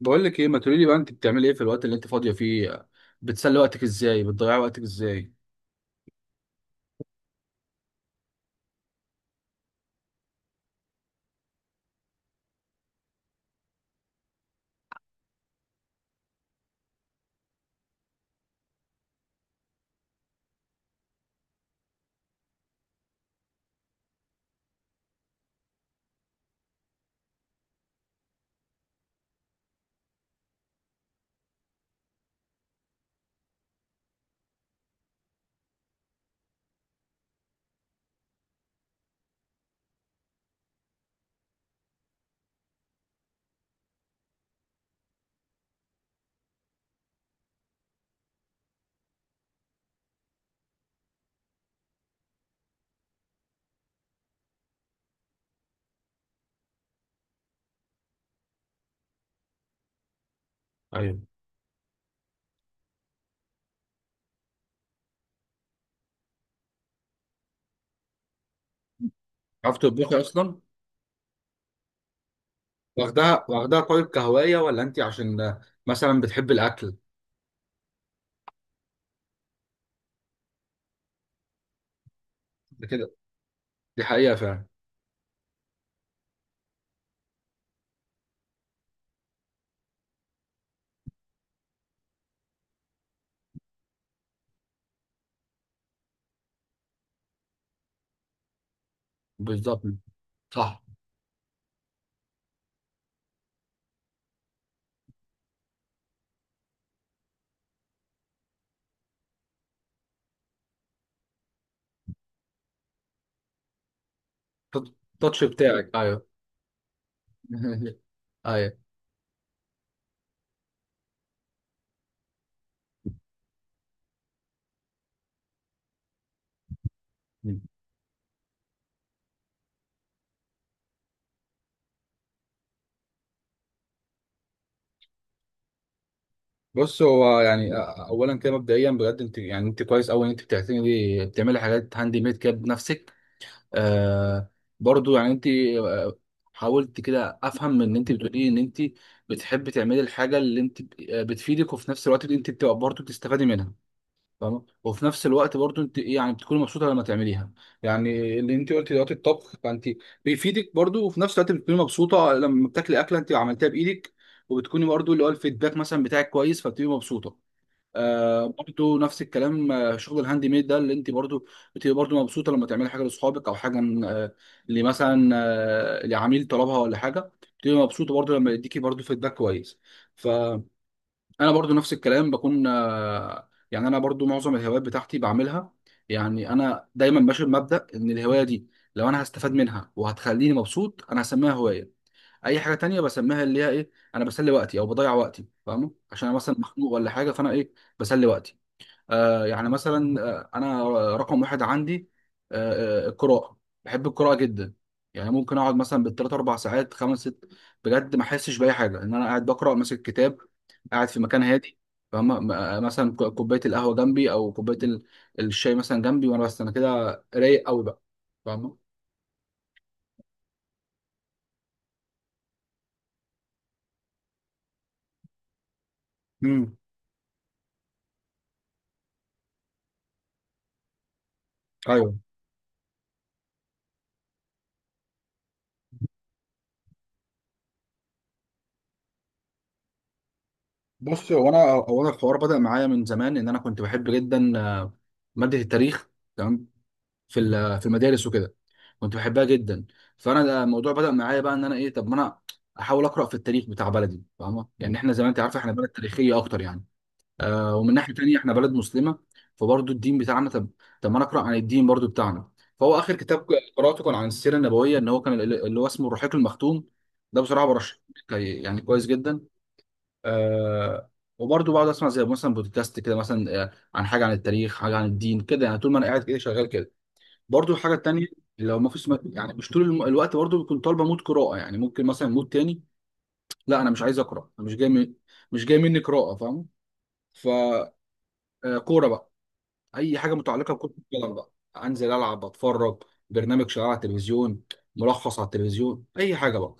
بقول لك ايه، ما تقولي لي بقى، انت بتعملي ايه في الوقت اللي انت فاضيه فيه؟ بتسلي وقتك ازاي؟ بتضيعي وقتك ازاي؟ ايوه. عارف تطبخي اصلا؟ واخدها طيب كهوايه، ولا انت عشان مثلا بتحب الاكل؟ ده كده. دي حقيقه فعلا. بالظبط. صح. التاتش بتاعك، ايوه. ايوه. بص، هو يعني اولا كده مبدئيا بجد انت كويس قوي ان انت بتعملي حاجات هاند ميد كده بنفسك. آه، برضو يعني انت، حاولت كده افهم ان انت بتقولي ان انت بتحبي تعملي الحاجه اللي انت بتفيدك، وفي نفس الوقت انت بتبقى برضو بتستفادي منها، فاهمه. وفي نفس الوقت برضو انت ايه، يعني بتكوني مبسوطه لما تعمليها. يعني اللي انت قلتي دلوقتي الطبخ، فانت بيفيدك برضو، وفي نفس الوقت بتكوني مبسوطه لما بتاكلي اكله انت عملتها بايدك، وبتكوني برضو اللي هو الفيدباك مثلا بتاعك كويس، فبتبقي مبسوطه. آه، برضو نفس الكلام. شغل الهاند ميد ده، اللي انت برضو بتبقى برضو مبسوطه لما تعملي حاجه لاصحابك او حاجه، آه، اللي مثلا، لعميل طلبها ولا حاجه، بتبقى مبسوطه برضو لما يديكي برضو فيدباك كويس. فانا برضو نفس الكلام، بكون، يعني انا برضو معظم الهوايات بتاعتي بعملها. يعني انا دايما ماشي بمبدأ ان الهوايه دي، لو انا هستفاد منها وهتخليني مبسوط، انا هسميها هوايه. اي حاجه تانية بسميها اللي هي ايه، انا بسلي وقتي او بضيع وقتي، فاهمه، عشان انا مثلا مخنوق ولا حاجه، فانا ايه، بسلي وقتي. يعني مثلا انا رقم واحد عندي القراءه. بحب القراءه جدا. يعني ممكن اقعد مثلا بالثلاث اربع ساعات، خمس ست، بجد ما احسش باي حاجه، ان انا قاعد بقرا ماسك كتاب، قاعد في مكان هادي، فاهم. مثلا كوبايه القهوه جنبي، او كوبايه الشاي مثلا جنبي، وانا بس انا كده رايق قوي بقى، فاهم. امم. ايوه. بص، هو انا الحوار بدأ معايا من زمان، ان انا كنت بحب جدا، ماده التاريخ. تمام. في المدارس وكده، كنت بحبها جدا. فانا ده الموضوع بدأ معايا بقى، ان انا ايه، طب ما انا احاول اقرا في التاريخ بتاع بلدي، فاهمه، يعني احنا زي ما انت عارفه احنا بلد تاريخيه اكتر يعني. ومن ناحيه تانيه احنا بلد مسلمه، فبرضه الدين بتاعنا، طب ما انا اقرا عن الدين برضه بتاعنا. فهو اخر كتاب قراته كان عن السيره النبويه، ان هو كان اللي هو اسمه الرحيق المختوم. ده بصراحه برشحه لك، يعني كويس جدا. آه. وبرضه بقعد اسمع زي مثلا بودكاست كده، مثلا عن حاجه عن التاريخ، حاجه عن الدين كده، يعني طول ما انا قاعد كده شغال كده. برضو الحاجة التانية، لو ما فيش، يعني مش طول الوقت برضو بكون طالبة مود قراءة، يعني ممكن مثلا مود تاني. لا، أنا مش عايز أقرأ، أنا مش جاي مني قراءة، فاهم. ف كورة بقى، أي حاجة متعلقة بكرة القدم بقى. أنزل ألعب، أتفرج برنامج شغال على التلفزيون، ملخص على التلفزيون، أي حاجة بقى.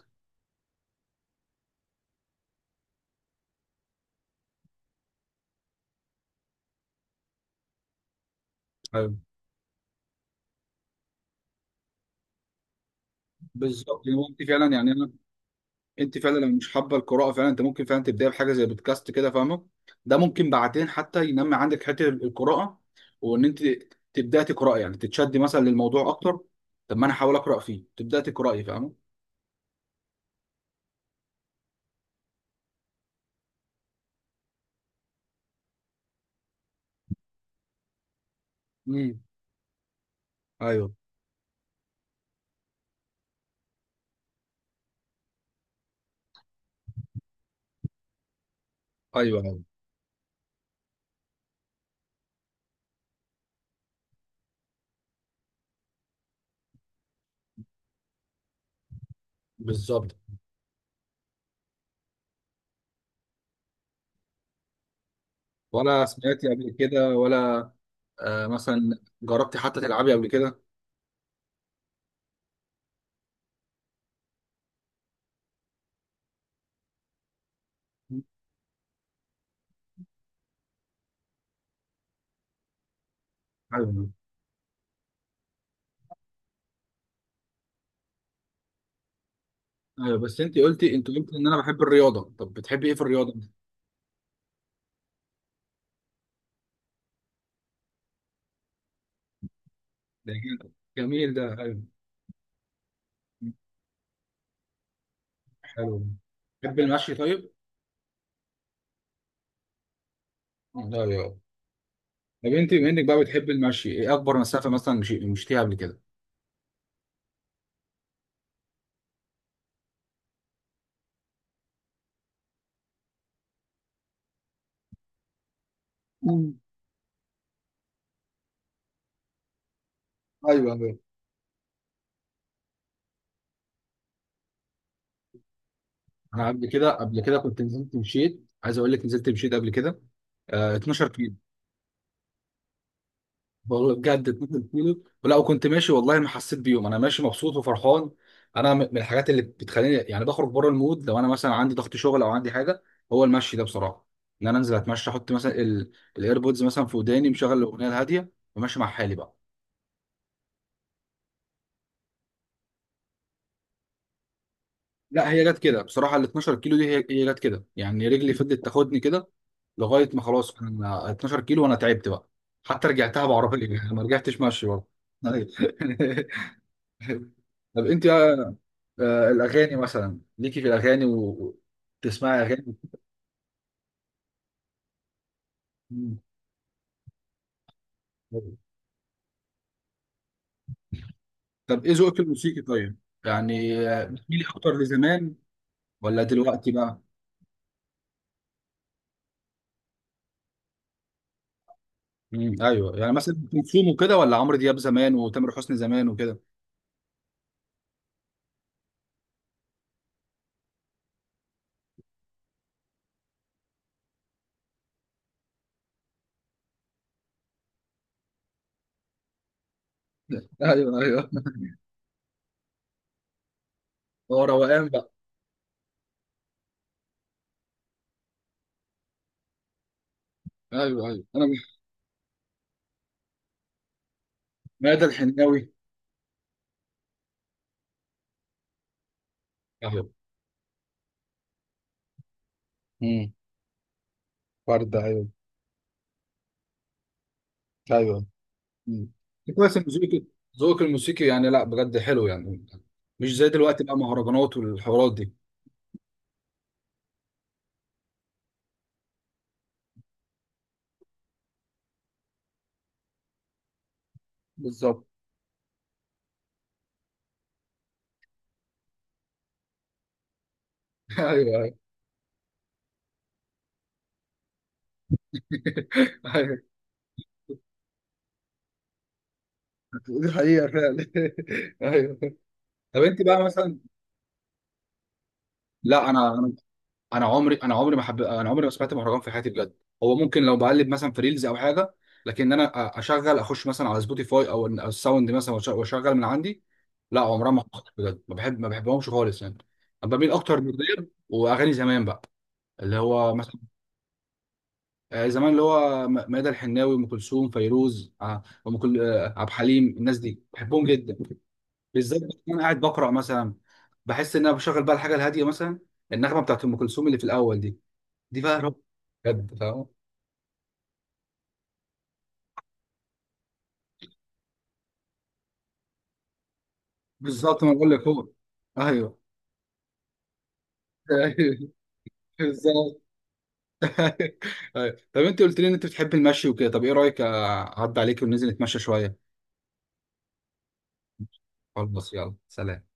أيوة. بالظبط وقتي فعلا يعني. انت فعلا لو مش حابه القراءه فعلا، انت ممكن فعلا تبداي بحاجه زي بودكاست كده، فاهمه. ده ممكن بعدين حتى ينمي عندك حته القراءه، وان انت تبداي تقراي، يعني تتشدي مثلا للموضوع اكتر. طب ما انا احاول اقرا فيه، تبداي تقراي، فاهمه. امم. ايوه. ايوه. ايوه. بالظبط. ولا سمعتي قبل كده، ولا مثلا جربتي حتى تلعبي قبل كده؟ مم. ايوه. ايوه. بس انت قلتي ان انا بحب الرياضه. طب بتحبي ايه في الرياضه؟ ده جميل ده. ايوه. حلو. بتحبي المشي طيب؟ ايوه. طب انت بما انك بقى بتحب المشي، ايه اكبر مسافه مثلا مشيتيها قبل كده؟ مم. ايوه. ايوه. انا قبل كده كنت نزلت مشيت، عايز اقول لك نزلت مشيت قبل كده 12 كيلو. والله بجد 12 كيلو، ولا وكنت ماشي والله ما حسيت بيهم، انا ماشي مبسوط وفرحان. انا من الحاجات اللي بتخليني يعني بخرج بره المود لو انا مثلا عندي ضغط شغل او عندي حاجه، هو المشي ده بصراحه، ان انا انزل اتمشى، احط مثلا الايربودز مثلا في وداني، مشغل الاغنيه الهاديه وماشي مع حالي بقى. لا، هي جت كده بصراحه، ال 12 كيلو دي، هي جت كده، يعني رجلي فضلت تاخدني كده لغايه ما خلاص انا 12 كيلو وانا تعبت بقى. حتى رجعتها بعربيه يعني ما رجعتش ماشي برضه. أيوة. طب انت بقى، الاغاني مثلا ليكي في الاغاني وتسمعي اغاني؟ مم. طب ايه ذوقك الموسيقي طيب؟ يعني بتميلي اكتر لزمان ولا دلوقتي بقى؟ مم. ايوه، يعني مثلا ام كلثوم وكده، ولا عمرو دياب زمان وتامر حسني زمان وكده؟ ايوه. ايوه. هو روقان. ايوه. ايوه. انا. مادة الحناوي. ايوه. امم. ورده. ايوه. ايوه. مم. كويس ان ذوقك الموسيقي يعني، لا بجد حلو يعني، مش زي دلوقتي بقى مهرجانات والحوارات دي. بالظبط. ايوه. ايوه. ايوه. دي حقيقه فعلا. ايوه. طب انت بقى مثلا، لا انا، انا عمري انا عمري ما حب... انا عمري ما سمعت مهرجان في حياتي بجد. هو ممكن لو بقلب مثلا في ريلز او حاجه، لكن انا اشغل اخش مثلا على سبوتيفاي او أو الساوند مثلا، واشغل من عندي. لا، عمرها ما حصلت بجد، ما بحبهمش خالص يعني. انا بميل اكتر للراب واغاني زمان بقى، اللي هو مثلا، زمان اللي هو ميادة الحناوي، ام كلثوم، فيروز، ع- ام كل آه، عبد الحليم. الناس دي بحبهم جدا بالذات. وانا قاعد بقرا مثلا، بحس ان انا بشغل بقى الحاجه الهاديه مثلا، النغمه بتاعت ام كلثوم اللي في الاول دي، دي بقى رب، بجد، فاهم. بالظبط، ما بقول لك هو. ايوه. أيوة. بالظبط. أيوة. طب انت قلت لي ان انت بتحب المشي وكده، طب ايه رايك اعدي عليك وننزل نتمشى شويه؟ خلاص، يلا سلام.